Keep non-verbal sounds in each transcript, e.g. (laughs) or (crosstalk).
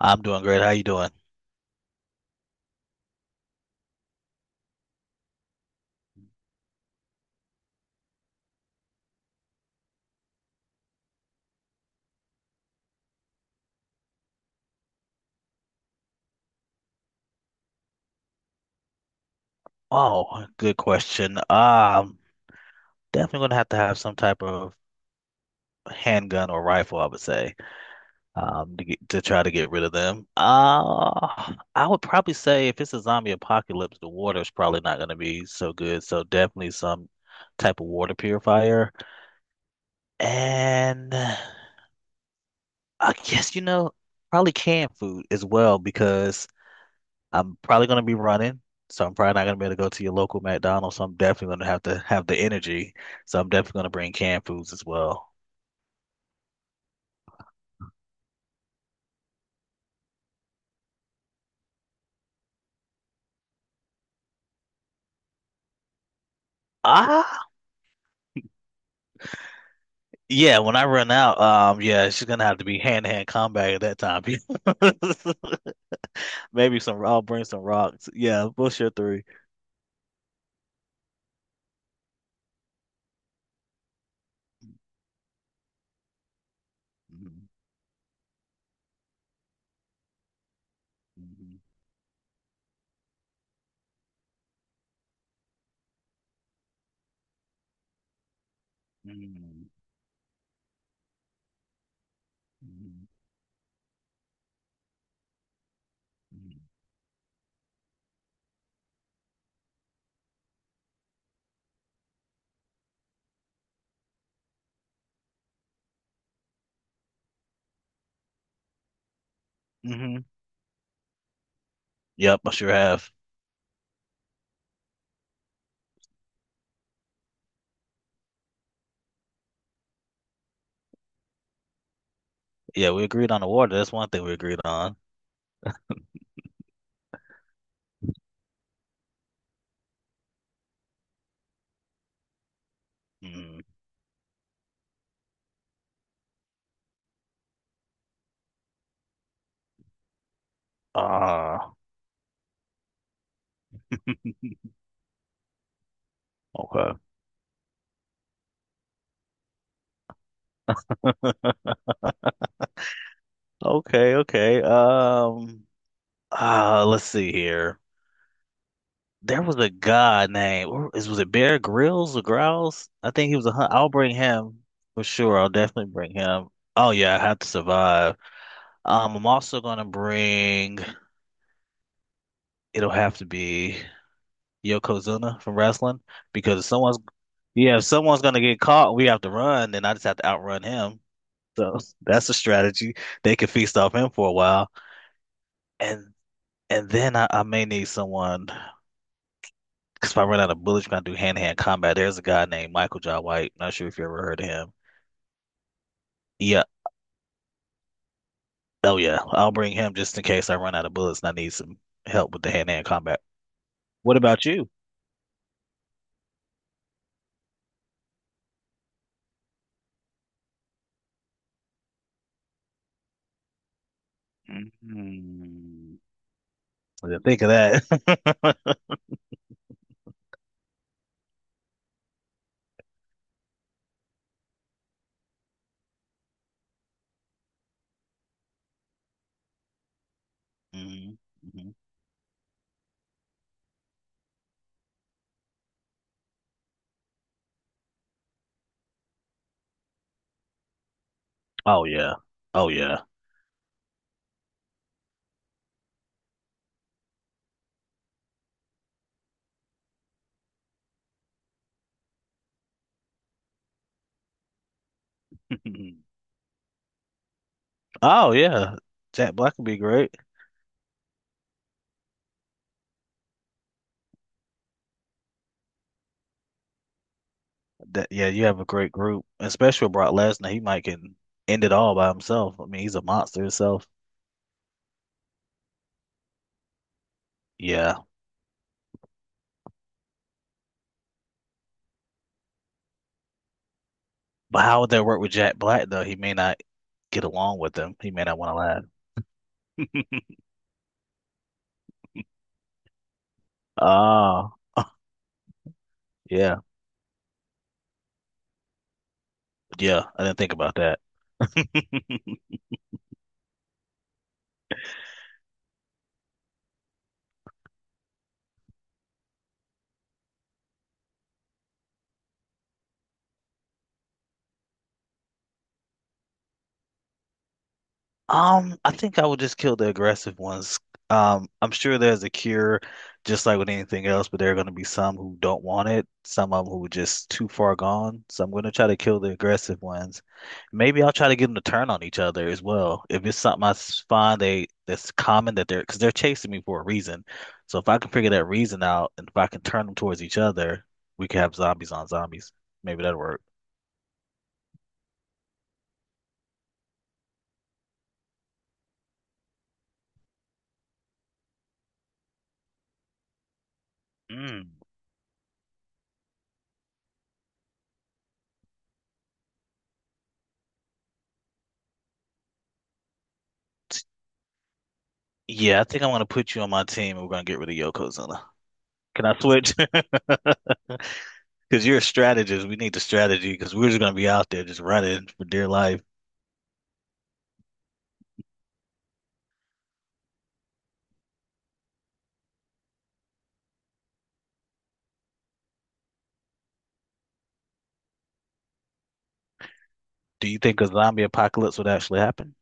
I'm doing great. How you doing? Oh, good question. Definitely gonna have to have some type of handgun or rifle, I would say. To try to get rid of them. I would probably say if it's a zombie apocalypse, the water's probably not gonna be so good. So definitely some type of water purifier. And I guess, you know, probably canned food as well because I'm probably going to be running, so I'm probably not going to be able to go to your local McDonald's. So I'm definitely going to have the energy. So I'm definitely going to bring canned foods as well. Ah, yeah. When I run out, yeah, she's gonna have to be hand to hand combat at that time. (laughs) Maybe some. I'll bring some rocks. Yeah, what's your three? Mhm. Mhm. Mhm. Mhm. Mhm. Yep, I sure have. Yeah, we agreed on the water. That's one thing we agreed on. Mm. Ah, okay, okay, okay. Let's see here. There was a guy named where- is was it Bear Grylls or Grylls? I think he was a hunt. I'll bring him for sure. I'll definitely bring him. Oh yeah, I have to survive. I'm also gonna bring. It'll have to be Yokozuna from wrestling because if someone's yeah, if someone's gonna get caught, we have to run. Then I just have to outrun him. So that's a strategy. They can feast off him for a while, and and then I may need someone. Because if I run out of bullets, you're going to do hand-to-hand combat. There's a guy named Michael John White. Not sure if you ever heard of him. Yeah. Oh, yeah. I'll bring him just in case I run out of bullets and I need some help with the hand-to-hand combat. What about you? Mm-hmm. I didn't think of that. (laughs) Mhm, mhm. Oh, yeah. Oh, yeah. (laughs) Oh, yeah. Jack Black would be great. That, yeah, you have a great group, especially with Brock Lesnar. He might can end it all by himself. I mean, he's a monster himself. Yeah. But how would that work with Jack Black, though? He may not get along with them. He may not want to laugh. (laughs) Ah, yeah, yeah. I didn't think about that. (laughs) I think I would just kill the aggressive ones. I'm sure there's a cure, just like with anything else, but there are going to be some who don't want it, some of them who are just too far gone. So I'm going to try to kill the aggressive ones. Maybe I'll try to get them to turn on each other as well. If it's something find they that's common that they're because they're chasing me for a reason. So if I can figure that reason out and if I can turn them towards each other, we could have zombies on zombies. Maybe that'll work. Mm. Yeah, I think I'm going to put you on my team and we're going to get rid of Yokozuna. Can I switch? (laughs) Because you're a strategist. We need the strategy because we're just going to be out there just running for dear life. Do you think a zombie apocalypse would actually happen?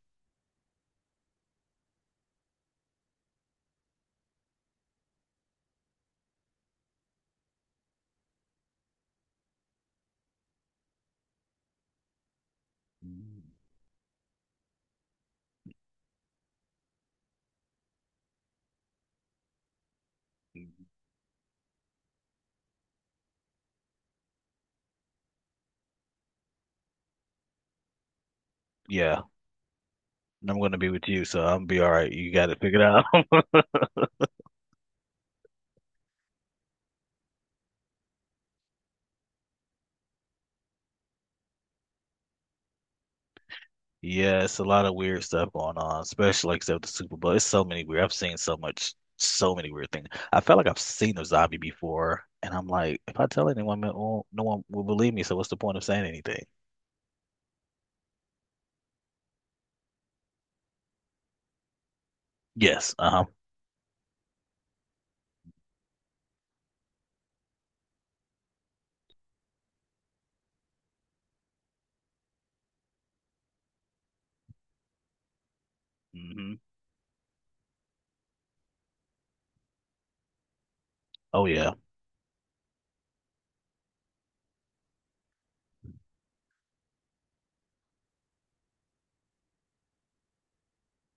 Yeah, and I'm going to be with you, so I'm be all right. You got it figured out. (laughs) Yeah, it's a lot of weird stuff going on, especially like except the Super Bowl. It's so many weird. I've seen so much, so many weird things. I felt like I've seen a zombie before, and I'm like, if I tell anyone, man, well, no one will believe me. So what's the point of saying anything? Yes. Uh-huh. Hmm. Oh yeah.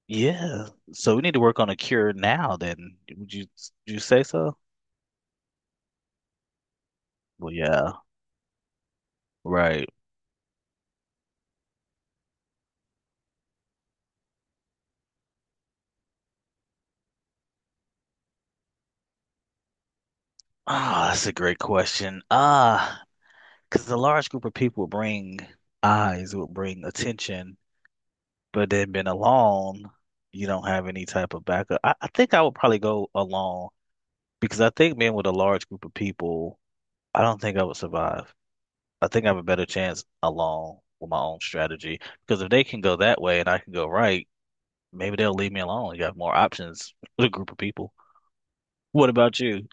Yeah. So we need to work on a cure now then. Would you say so? Well, yeah, right. Ah, that's a great question. Ah, because a large group of people would bring eyes, would bring attention, but then being alone, you don't have any type of backup. I think I would probably go alone because I think being with a large group of people, I don't think I would survive. I think I have a better chance alone with my own strategy because if they can go that way and I can go right, maybe they'll leave me alone. You have more options with a group of people. What about you?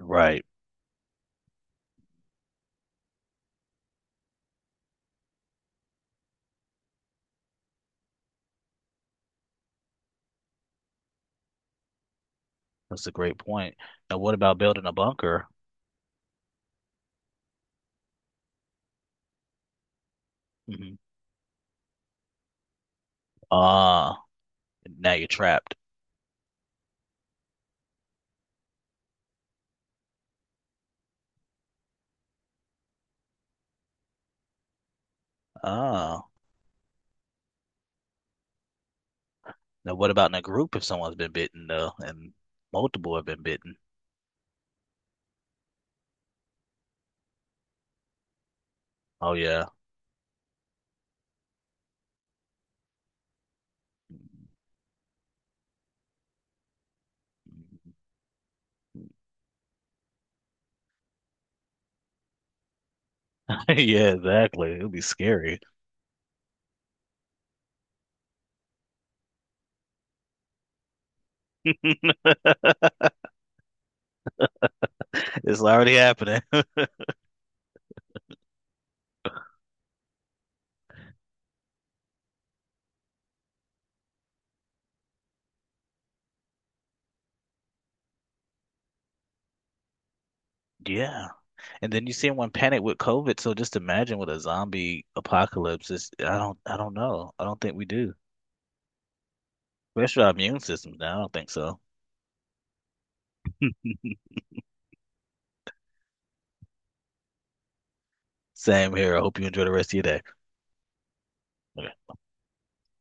Right. That's a great point. Now, what about building a bunker? Mhm. Ah, now you're trapped. Ah, now what about in a group if someone's been bitten, though, and multiple have been bitten? Oh, yeah. (laughs) Yeah, exactly. It'll be scary. (laughs) It's already happening. (laughs) Yeah. And then you see everyone panic with COVID. So just imagine with a zombie apocalypse. It's, I don't know. I don't think we do. Rest of our immune systems now. I don't think so. Same here. I hope you enjoy the rest of your day.